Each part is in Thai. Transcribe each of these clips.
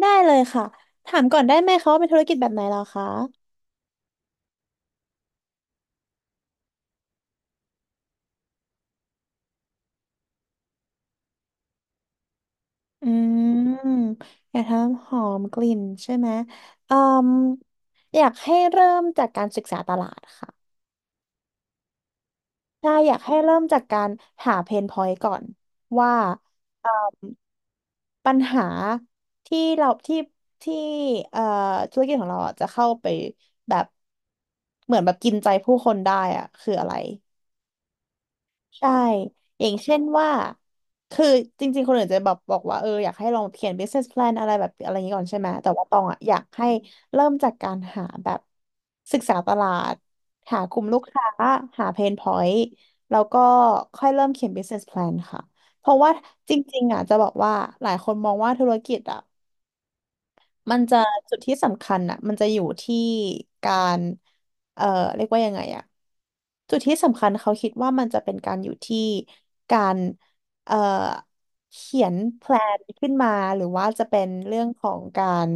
ได้เลยค่ะถามก่อนได้ไหมคะว่าเป็นธุรกิจแบบไหนเหรอคะอืมอยากทำหอมกลิ่นใช่ไหมอืมอยากให้เริ่มจากการศึกษาตลาดค่ะใช่อยากให้เริ่มจากการหาเพนพอยต์ก่อนว่าเอ่อปัญหาที่เราที่ที่เอ่อธุรกิจของเราอะจะเข้าไปแบบเหมือนแบบกินใจผู้คนได้อะคืออะไร ใช่อย่างเช่นว่า คือจริงๆ คนอื่นจะแบบบอกว่าเอออยากให้ลองเขียน business plan อะไรแบบอะไรอย่างนี้ก่อนใช่ไหม แต่ว่าตองอ่ะอยากให้เริ่มจากการหาแบบศึกษาตลาด หากลุ่มลูกค้า หา pain point แล้วก็ค่อยเริ่มเขียน business plan ค่ะ เพราะว่าจริงๆอ่ะจะบอกว่าหลายคนมองว่าธุรกิจอ่ะ มันจะจุดที่สำคัญอ่ะมันจะอยู่ที่การ เอ่อเรียกว่ายังไงอ่ะจุดที่สำคัญเขาคิดว่ามันจะเป็นการอยู่ที่การเอ่อเขียนแพลนขึ้นมาหรือว่าจะเป็นเรื่องของการ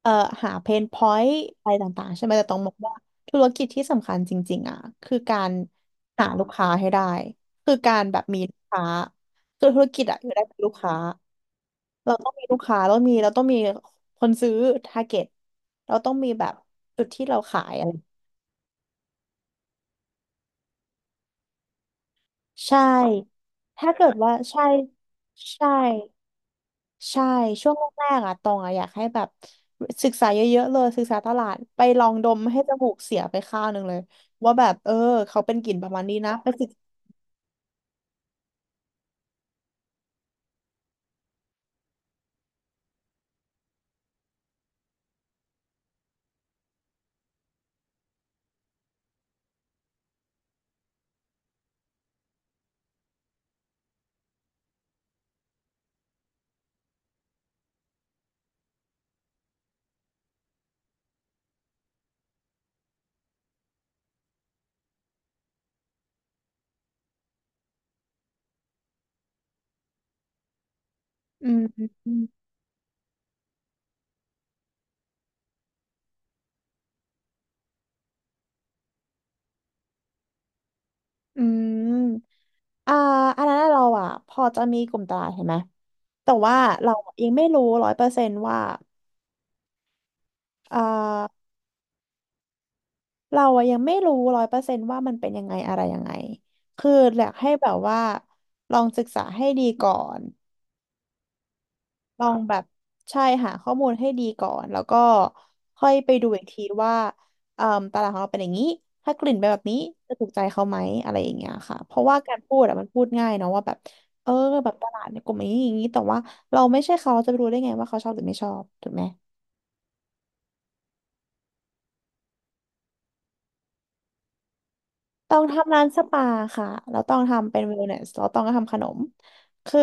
เอ่อหาเพนพอยต์อะไรต่างๆใช่ไหมแต่ต้องบอกว่าธุรกิจที่สำคัญจริงๆอ่ะคือการหาลูกค้าให้ได้คือการแบบมีลูกค้าคือธุรกิจอ่ะอยู่ได้จากลูกค้าเราต้องมีลูกค้าเรามีเราต้องมีคนซื้อทาร์เก็ตเราต้องมีแบบจุดที่เราขายอะไรใช่ถ้าเกิดว่าใช่ใช่ ใช่ช่วงแรกๆอะตองอะอยากให้แบบศึกษาเยอะๆเลยศึกษาตลาดไปลองดมให้จมูกเสียไปข้างหนึ่งเลยว่าแบบเออเขาเป็นกลิ่นประมาณนี้นะไปศึกอืมอืมอืมอ่าอันนั้นเราอะพอจะมีกลุ่มตลาดเห็นไหมแต่ว่าเรายังไม่รู้ร้อยเปอร์เซนต์ว่าอ่าเราอะยังไม่รู้ร้อยเปอร์เซนต์ว่ามันเป็นยังไงอะไรยังไงคืออยากให้แบบว่าลองศึกษาให้ดีก่อน ลองแบบใช่หาข้อมูลให้ดีก่อนแล้วก็ค่อยไปดูอีกทีว่าเอ่อตลาดของเราเป็นอย่างนี้ถ้ากลิ่นเป็นแบบนี้จะถูกใจเขาไหมอะไรอย่างเงี้ยค่ะเพราะว่าการพูดอะมันพูดง่ายเนาะว่าแบบเออแบบตลาดในกลุ่มอย่างนี้อย่างนี้แต่ว่าเราไม่ใช่เขาเราจะไปรู้ได้ไงว่าเขาชอบหรือไม่ชอบถูกไหมต้องทำร้านสปาค่ะแล้วต้องทำเป็นเวลเนสแล้วต้องก็ทำขนมคือ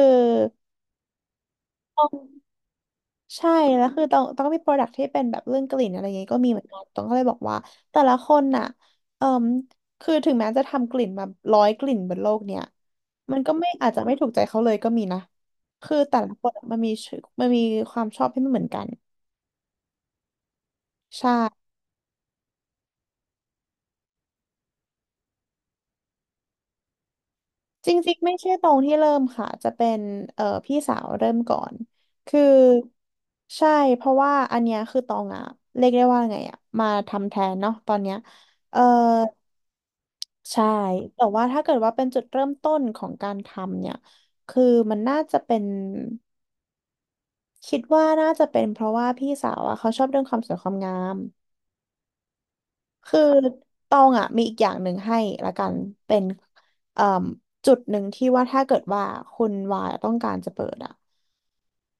ใช่แล้วคือต้องต้องมีโปรดักที่เป็นแบบเรื่องกลิ่นอะไรอย่างงี้ก็มีเหมือนกันต้องก็เลยบอกว่าแต่ละคนน่ะเอ่มคือถึงแม้จะทำกลิ่นมาร้อยกลิ่นบนโลกเนี่ยมันก็ไม่อาจจะไม่ถูกใจเขาเลยก็มีนะคือแต่ละคนอะมันมีชื่อมันมีความชอบที่ไม่เหมือนกันใช่ จริงๆไม่ใช่ตรงที่เริ่มค่ะจะเป็นพี่สาวเริ่มก่อนคือใช่เพราะว่าอันเนี้ยคือตองอะเรียกได้ว่าไงอะมาทำแทนเนาะตอนเนี้ยเอ่อใช่แต่ว่าถ้าเกิดว่าเป็นจุดเริ่มต้นของการทำเนี่ยคือมันน่าจะเป็นคิดว่าน่าจะเป็นเพราะว่าพี่สาวอะเขาชอบเรื่องความสวยความงาม คือตองอ่ะมีอีกอย่างหนึ่งให้ละกันเป็นเอ่มจุดหนึ่งที่ว่าถ้าเกิดว่าคุณวายต้องการจะเปิดอ่ะ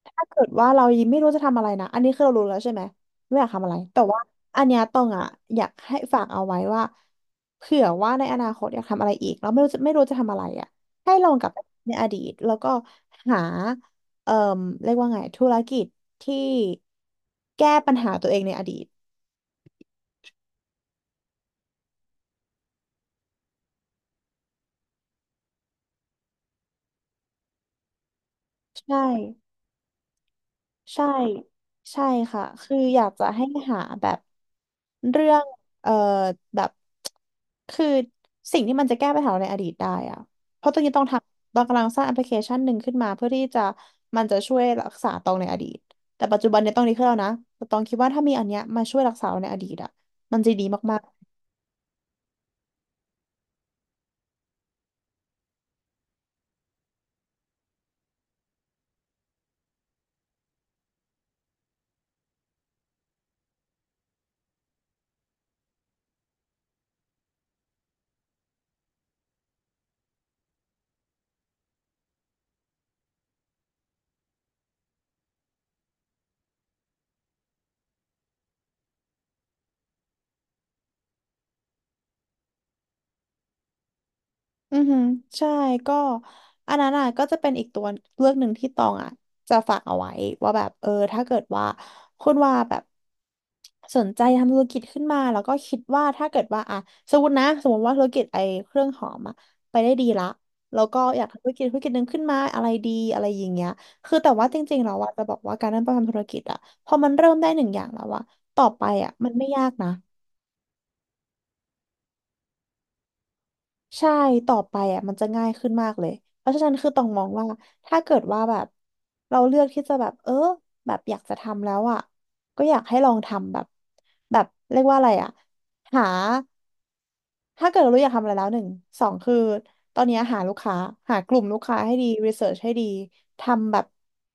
ถ้าเกิดว่าเรายังไม่รู้จะทำอะไรนะอันนี้คือเรารู้แล้วใช่ไหมไม่อยากทำอะไรแต่ว่าอันเนี้ยตองอ่ะอยากให้ฝากเอาไว้ว่าเผื่อว่าในอนาคตอยากทำอะไรอีกแล้วไม่รู้จะไม่รู้จะทำอะไรอ่ะให้ลองกลับไปในอดีตแล้วก็หาเอ่มเรียกว่าไงธุรกิจที่แก้ปัญหาตัวเองในอดีตใช่ ใช่ใช่ค่ะคืออยากจะให้หาแบบเรื่องเอ่อแบบคือสิ่งที่มันจะแก้ปัญหาในอดีตได้อะเพราะตอนนี้ต้องทำเรากำลังสร้างแอปพลิเคชันหนึ่งขึ้นมาเพื่อที่จะมันจะช่วยรักษาตองในอดีตแต่ปัจจุบันเนี่ยต้องดีขึ้นแล้วนะแต่ตองคิดว่าถ้ามีอันเนี้ยมาช่วยรักษาเราในอดีตอะมันจะดี อือหือใช่ก็อันนั้นอ่ะก็จะเป็นอีกตัวเลือกหนึ่งที่ตองอ่ะจะฝากเอาไว้ว่าแบบถ้าเกิดว่าคุณว่าแบบสนใจทำธุรกิจขึ้นมาแล้วก็คิดว่าถ้าเกิดว่าอ่ะสมมตินะสมมติว่าธุรกิจไอ้เครื่องหอมอ่ะไปได้ดีละแล้วก็อยากทำธุรกิจหนึ่งขึ้นมาอะไรดีอะไรอย่างเงี้ยคือแต่ว่าจริงๆเราอ่ะจะบอกว่าการเริ่มต้นทำธุรกิจอ่ะพอมันเริ่มได้หนึ่งอย่างแล้วอ่ะต่อไปอ่ะมันไม่ยากนะ ใช่ ต่อไปอ่ะมันจะง่ายขึ้นมากเลย เพราะฉะนั้นคือต้องมองว่าถ้าเกิดว่าแบบเราเลือกที่จะแบบแบบอยากจะทำแล้วอ่ะก็อยากให้ลองทำแบบแบบเรียกว่าอะไรอ่ะหา ถ้าเกิดเรารู้อยากทำอะไรแล้วหนึ่งสองคือตอนนี้หาลูกค้าหากลุ่มลูกค้าให้ดีรีเสิร์ชให้ดีทำแบบ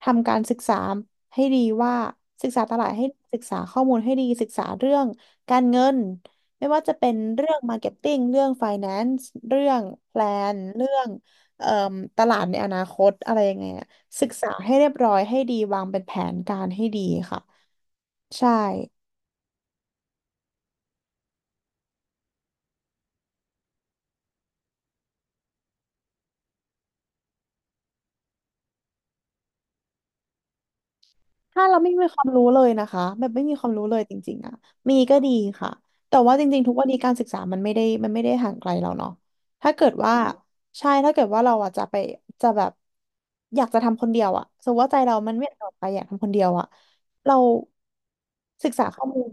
ทำการศึกษาให้ดีว่าศึกษาตลาดให้ศึกษาข้อมูลให้ดีศึกษาเรื่องการเงินไม่ว่าจะเป็นเรื่อง Marketing เรื่อง Finance เรื่องแพลนเรื่องเอ่มตลาดในอนาคตอะไรยังไงอะศึกษาให้เรียบร้อยให้ดีวางเป็นแผนการให้ดีค่ะใช่ ถ้าเราไม่มีความรู้เลยนะคะแบบไม่มีความรู้เลยจริงๆอ่ะมีก็ดีค่ะแต่ว่าจริงๆทุกวันนี้การศึกษามันไม่ได้มันไม่ได้ห่างไกลเราเนาะถ้าเกิดว่าใช่ถ้าเกิดว่าเราอ่ะจะไปจะแบบอยากจะทำคนเดียวอ่ะสมมติว่าใจเรามันไม่อยากออกไปอยากทำคนเดียวอ่ะเราศึกษาข้อมูล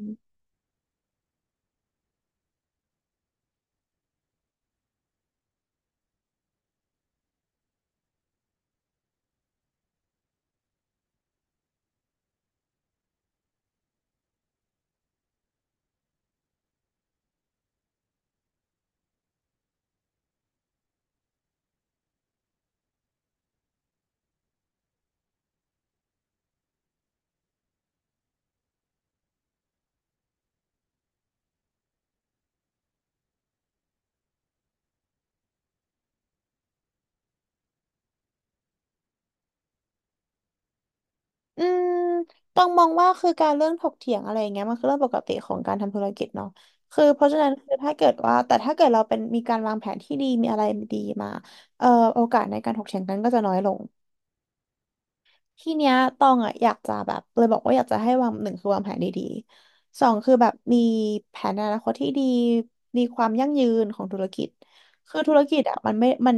อืมต้องมองว่าคือการเรื่องถกเถียงอะไรอย่างเงี้ยมันคือเรื่องปกติของการทำธุรกิจเนาะคือเพราะฉะนั้นคือถ้าเกิดว่าแต่ถ้าเกิดเราเป็นมีการวางแผนที่ดีมีอะไรดีมาเอ่อโอกาสในการถกเถียงกันก็จะน้อยลง ทีเนี้ยตองอ่ะอยากจะแบบเลยบอกว่าอยากจะให้วางหนึ่งคือวางแผนดีๆสองคือแบบมีแผนอนาคตที่ดีมีความยั่งยืนของธุรกิจคือธุรกิจอ่ะมันไม่มัน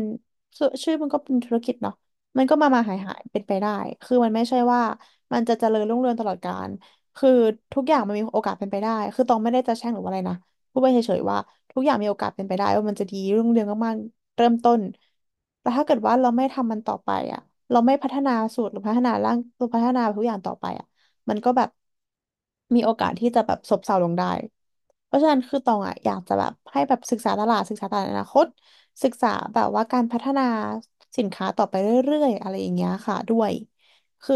ชื่อมันก็เป็นธุรกิจเนาะมันก็มามาหายหายเป็นไปได้คือมันไม่ใช่ว่ามันจะเจริญรุ่งเรืองตลอดกาลคือทุกอย่างมันมีโอกาสเป็นไปได้คือตองไม่ได้จะแช่งหรือว่าอะไรนะพูดไปเฉยๆว่าทุกอย่างมีโอกาสเป็นไปได้ว่ามันจะดีรุ่งเรืองมาก เริ่มต้นแต่ถ้าเกิดว่าเราไม่ทำมันต่อไปอ่ะเราไม่พัฒนาสูตรหรือพัฒนาร่างหรือพัฒนาทุกอย่างต่อไปอ่ะมันก็แบบมีโอกาสที่จะแบบซบเซาลงได้เพราะฉะนั้นคือตองอ่ะอยากจะแบบให้แบบศึกษาตลาดศึกษาตลาดอนาคตศึกษาแบบว่าการพัฒนาสินค้าต่อไปเรื่อยๆอะไรอย่างเงี้ยค่ะด้วยคือ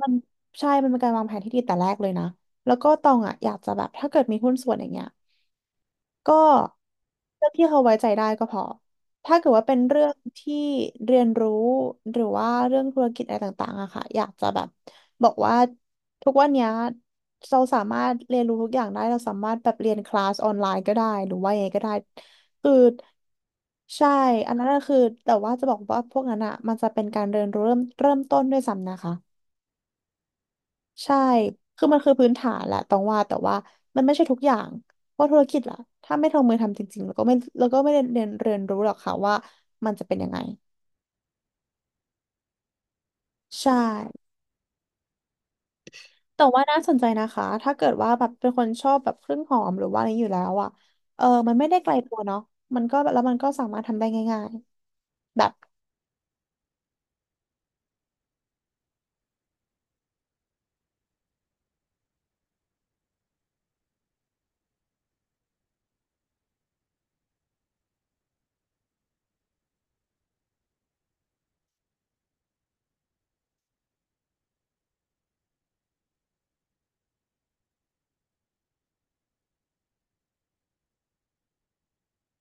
มันใช่มันเป็นการวางแผนที่ดีแต่แรกเลยนะแล้วก็ตองอ่ะอยากจะแบบถ้าเกิดมีหุ้นส่วนอย่างเงี้ย ก็เรื่องที่เขาไว้ใจได้ก็พอถ้าเกิดว่าเป็นเรื่องที่เรียนรู้หรือว่าเรื่องธุรกิจอะไรต่างๆอะค่ะ อยากจะแบบบอกว่าทุกวันเนี้ยเราสามารถเรียนรู้ทุกอย่างได้เราสามารถแบบเรียนคลาสออนไลน์ก็ได้หรือว่ายังไงก็ได้คือใช่อันนั้นก็คือแต่ว่าจะบอกว่าพวกนั้นอะมันจะเป็นการเรียนรู้เริ่มต้นด้วยซ้ำนะคะ ใช่คือมันคือพื้นฐานแหละต้องว่าแต่ว่ามันไม่ใช่ทุกอย่างเพราะธุรกิจล่ะถ้าไม่ลงมือทำจริงๆแล้วก็ไม่แล้วก็ไม่ได้เรียนรู้หรอกค่ะว่ามันจะเป็นยังไงใช่แต่ว่าน่าสนใจนะคะถ้าเกิดว่าแบบเป็นคนชอบแบบเครื่องหอมหรือว่าอะไรอยู่แล้วอ่ะเออมันไม่ได้ไกลตัวเนาะมันก็แล้วมันก็สามารถทำได้ง่ายๆแบบ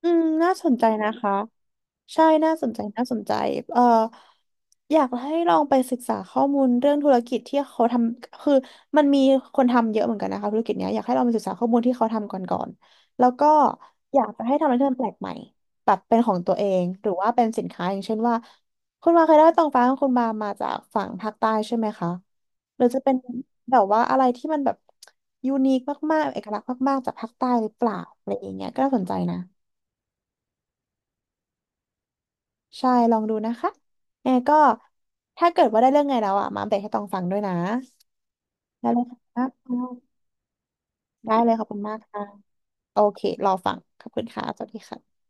อืมน่าสนใจนะคะ ใช่น่าสนใจน่าสนใจเอ่ออยากให้ลองไปศึกษาข้อมูลเรื่องธุรกิจที่เขาทำคือมันมีคนทำเยอะเหมือนกันนะคะธุรกิจเนี้ยอยากให้ลองไปศึกษาข้อมูลที่เขาทำก่อนแล้วก็อยากจะให้ทำอะไรที่มันแปลกใหม่แบบเป็นของตัวเองหรือว่าเป็นสินค้าอย่างเช่นว่าคุณมาเคยได้ตองฟ้าของคุณมามาจากฝั่งภาคใต้ใช่ไหมคะหรือจะเป็นแบบว่าอะไรที่มันแบบยูนิคมากๆเอกลักษณ์มากๆจากภาคใต้หรือเปล่าอะไรอย่างเงี้ยก็น่าสนใจนะ ใช่ลองดูนะคะแอร์ก็ถ้าเกิดว่าได้เรื่องไงแล้วอ่ะมาอัปเดตให้ตองฟังด้วยนะได้เลยค่ะได้เลยขอบคุณมากค่ะโอเครอฟังขอบคุณค่ะสวัสดีค่ะ